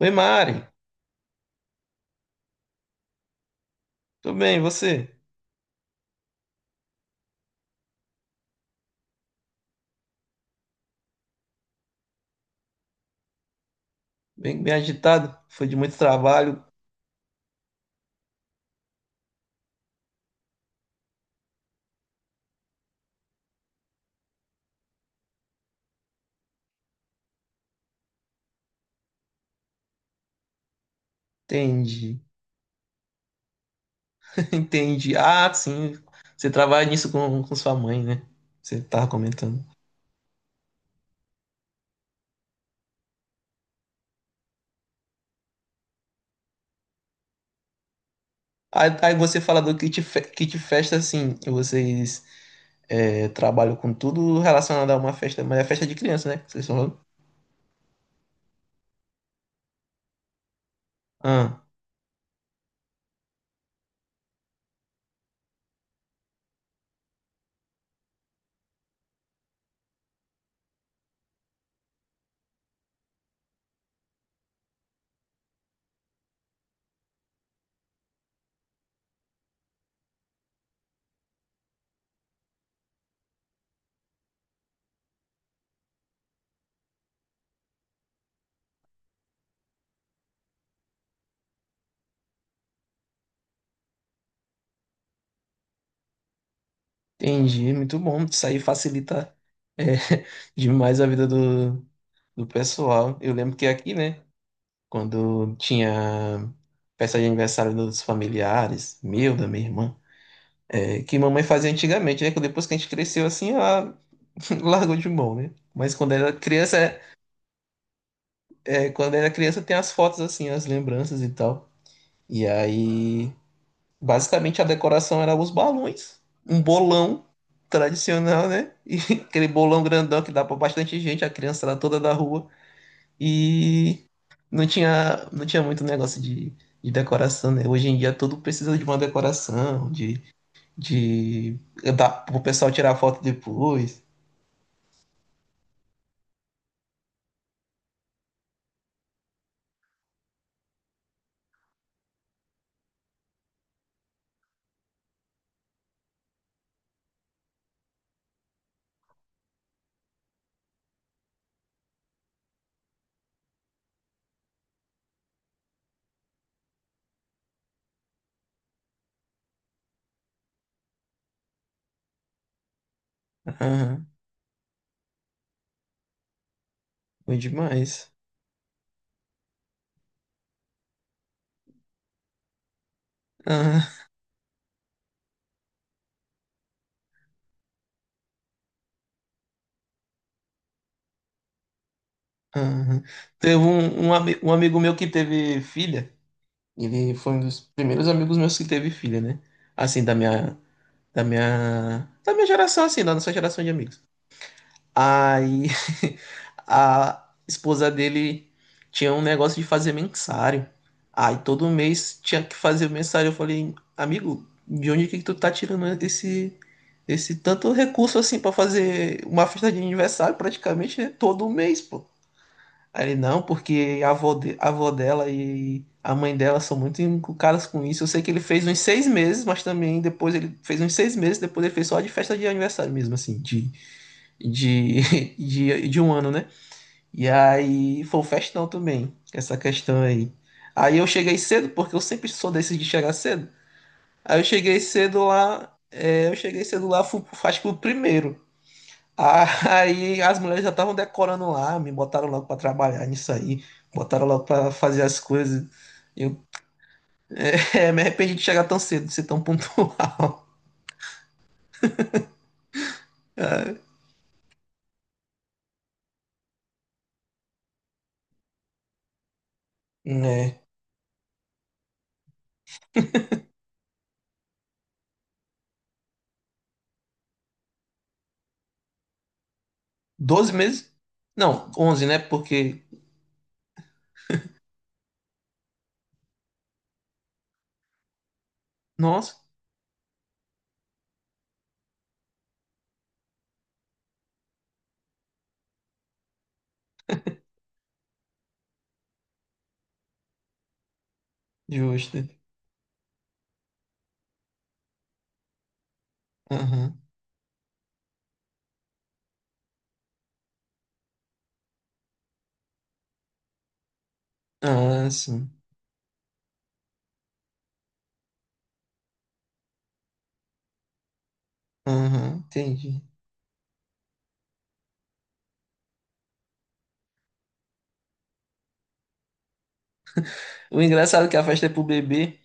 Oi, Mari. Tudo bem, e você? Bem, bem agitado? Foi de muito trabalho? Entendi. Entendi. Ah, sim. Você trabalha nisso com sua mãe, né? Você tava comentando. Aí você fala do kit, kit festa, assim. Vocês trabalham com tudo relacionado a uma festa, mas é festa de criança, né? Vocês falaram? Ah, entendi. Muito bom. Isso aí facilita é, demais a vida do pessoal. Eu lembro que aqui, né? Quando tinha festa de aniversário dos familiares, da minha irmã, que mamãe fazia antigamente, né? Que depois que a gente cresceu assim, ela largou de mão, né? Mas quando era criança tem as fotos assim, as lembranças e tal. E aí, basicamente a decoração era os balões, um bolão tradicional, né? E aquele bolão grandão que dá pra bastante gente, a criança lá toda da rua. E não tinha muito negócio de decoração, né? Hoje em dia tudo precisa de uma decoração, de dá pro pessoal tirar foto depois. Aham, foi demais. Aham, aham. Teve um amigo meu que teve filha. Ele foi um dos primeiros amigos meus que teve filha, né? Assim, da minha geração, assim, da nossa geração de amigos. Aí a esposa dele tinha um negócio de fazer mensário. Aí todo mês tinha que fazer mensário. Eu falei, amigo, de onde que tu tá tirando esse tanto recurso assim pra fazer uma festa de aniversário praticamente né, todo mês, pô? Aí ele, não, porque a avó dela e a mãe dela são muito encucadas com isso. Eu sei que ele fez uns 6 meses, mas também depois ele fez uns 6 meses, depois ele fez só de festa de aniversário mesmo, assim, de, de 1 ano, né? E aí foi um festão também, essa questão aí. Aí eu cheguei cedo, porque eu sempre sou desses de chegar cedo. Aí eu cheguei cedo lá, é, eu cheguei cedo lá, fui, acho que o primeiro. Ah, aí as mulheres já estavam decorando lá, me botaram logo pra trabalhar nisso aí, botaram logo pra fazer as coisas. Eu me arrependi de chegar tão cedo, de ser tão pontual. É, 12 meses? Não, 11, né? Porque, nossa, justo. Ah, sim. Aham, entendi. O engraçado é que a festa é pro bebê,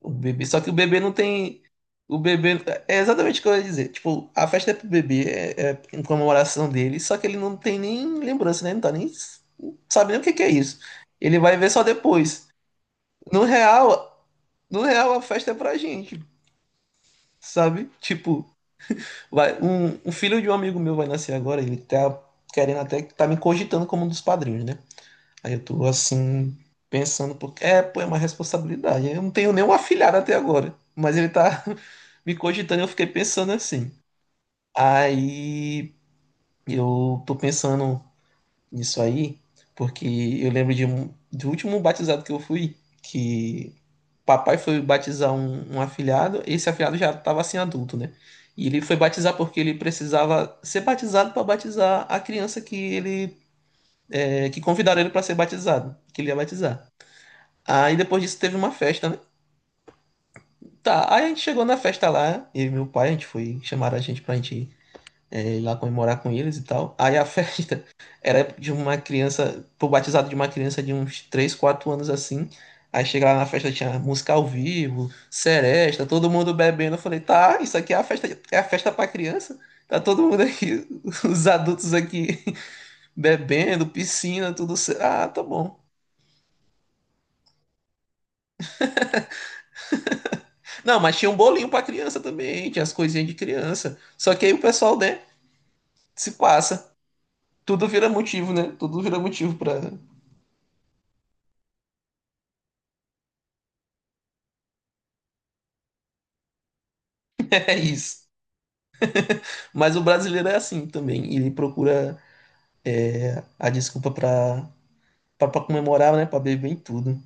o bebê, só que o bebê não tem. O bebê. É exatamente o que eu ia dizer. Tipo, a festa é pro bebê, é em comemoração dele, só que ele não tem nem lembrança, né? Não tá nem. Não sabe nem o que que é isso. Ele vai ver só depois. No real, no real, a festa é pra gente, sabe? Tipo, vai, um filho de um amigo meu vai nascer agora, ele tá querendo até. Tá me cogitando como um dos padrinhos, né? Aí eu tô assim, pensando, porque é, pô, é uma responsabilidade. Eu não tenho nenhum afilhado até agora, mas ele tá me cogitando, e eu fiquei pensando assim. Aí eu tô pensando nisso aí, porque eu lembro do último batizado que eu fui, que papai foi batizar um afilhado, esse afilhado já tava assim adulto, né? E ele foi batizar porque ele precisava ser batizado para batizar a criança que convidaram ele para ser batizado, que ele ia batizar. Aí depois disso teve uma festa, né? Tá, aí a gente chegou na festa lá, eu e meu pai, a gente foi, chamaram a gente pra gente ir lá comemorar com eles e tal. Aí a festa era de uma criança, pro batizado de uma criança de uns 3, 4 anos assim. Aí chega lá na festa, tinha música ao vivo, seresta, todo mundo bebendo. Eu falei, tá, isso aqui é a festa pra criança? Tá todo mundo aqui, os adultos aqui bebendo, piscina, tudo certo. Ah, tá bom. Não, mas tinha um bolinho pra criança também, tinha as coisinhas de criança. Só que aí o pessoal, né, se passa. Tudo vira motivo, né? Tudo vira motivo pra. É isso. Mas o brasileiro é assim também. Ele procura a desculpa pra comemorar, né? Pra beber em tudo.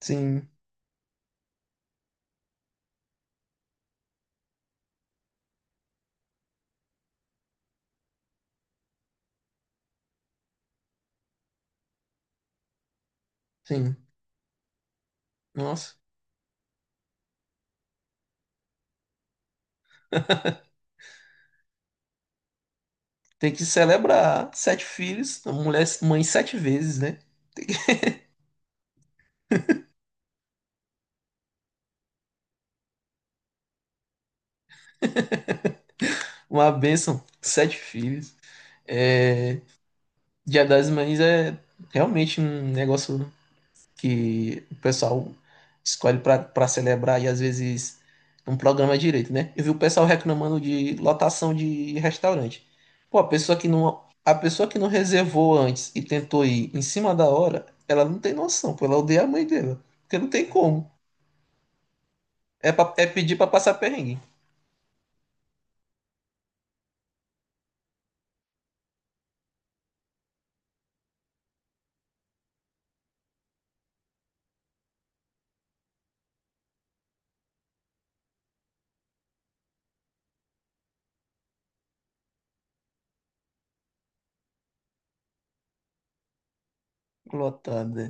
Sim, sim. Nossa. Tem que celebrar sete filhos, mulher, mãe sete vezes, né? Uma bênção, sete filhos. É, Dia das Mães é realmente um negócio que o pessoal escolhe para pra celebrar e às vezes não programa direito, né? Eu vi o pessoal reclamando de lotação de restaurante. Pô, a pessoa que não reservou antes e tentou ir em cima da hora, ela não tem noção, pô, ela odeia a mãe dela, porque não tem como. É pedir para passar perrengue. Lotada.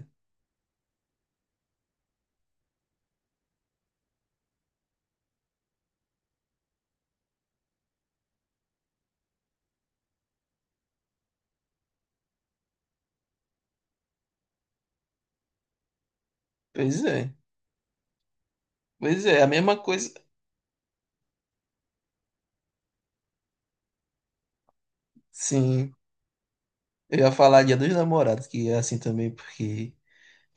Pois é. Pois é, a mesma coisa. Sim, eu ia falar Dia dos Namorados, que é assim também, porque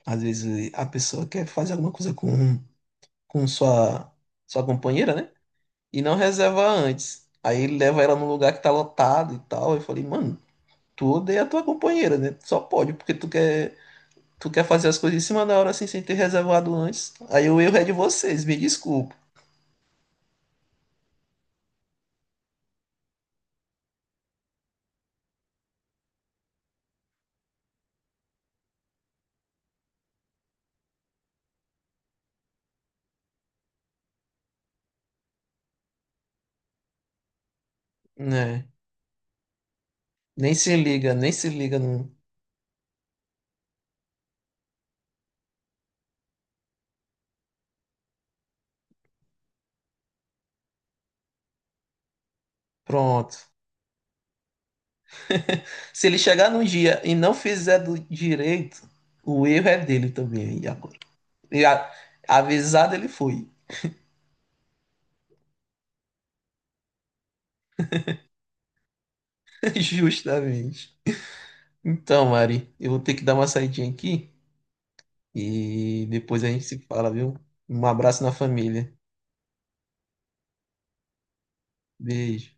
às vezes a pessoa quer fazer alguma coisa com sua companheira, né? E não reserva antes. Aí ele leva ela num lugar que tá lotado e tal. Eu falei, mano, tu odeia a tua companheira, né? Só pode, porque tu quer fazer as coisas em cima da hora assim, sem ter reservado antes. Aí o erro é de vocês, me desculpa, né? Nem se liga, nem se liga no. Pronto. Se ele chegar num dia e não fizer do direito, o erro é dele também. E agora? E a- avisado ele foi, justamente. Então, Mari, eu vou ter que dar uma saidinha aqui e depois a gente se fala, viu? Um abraço na família. Beijo.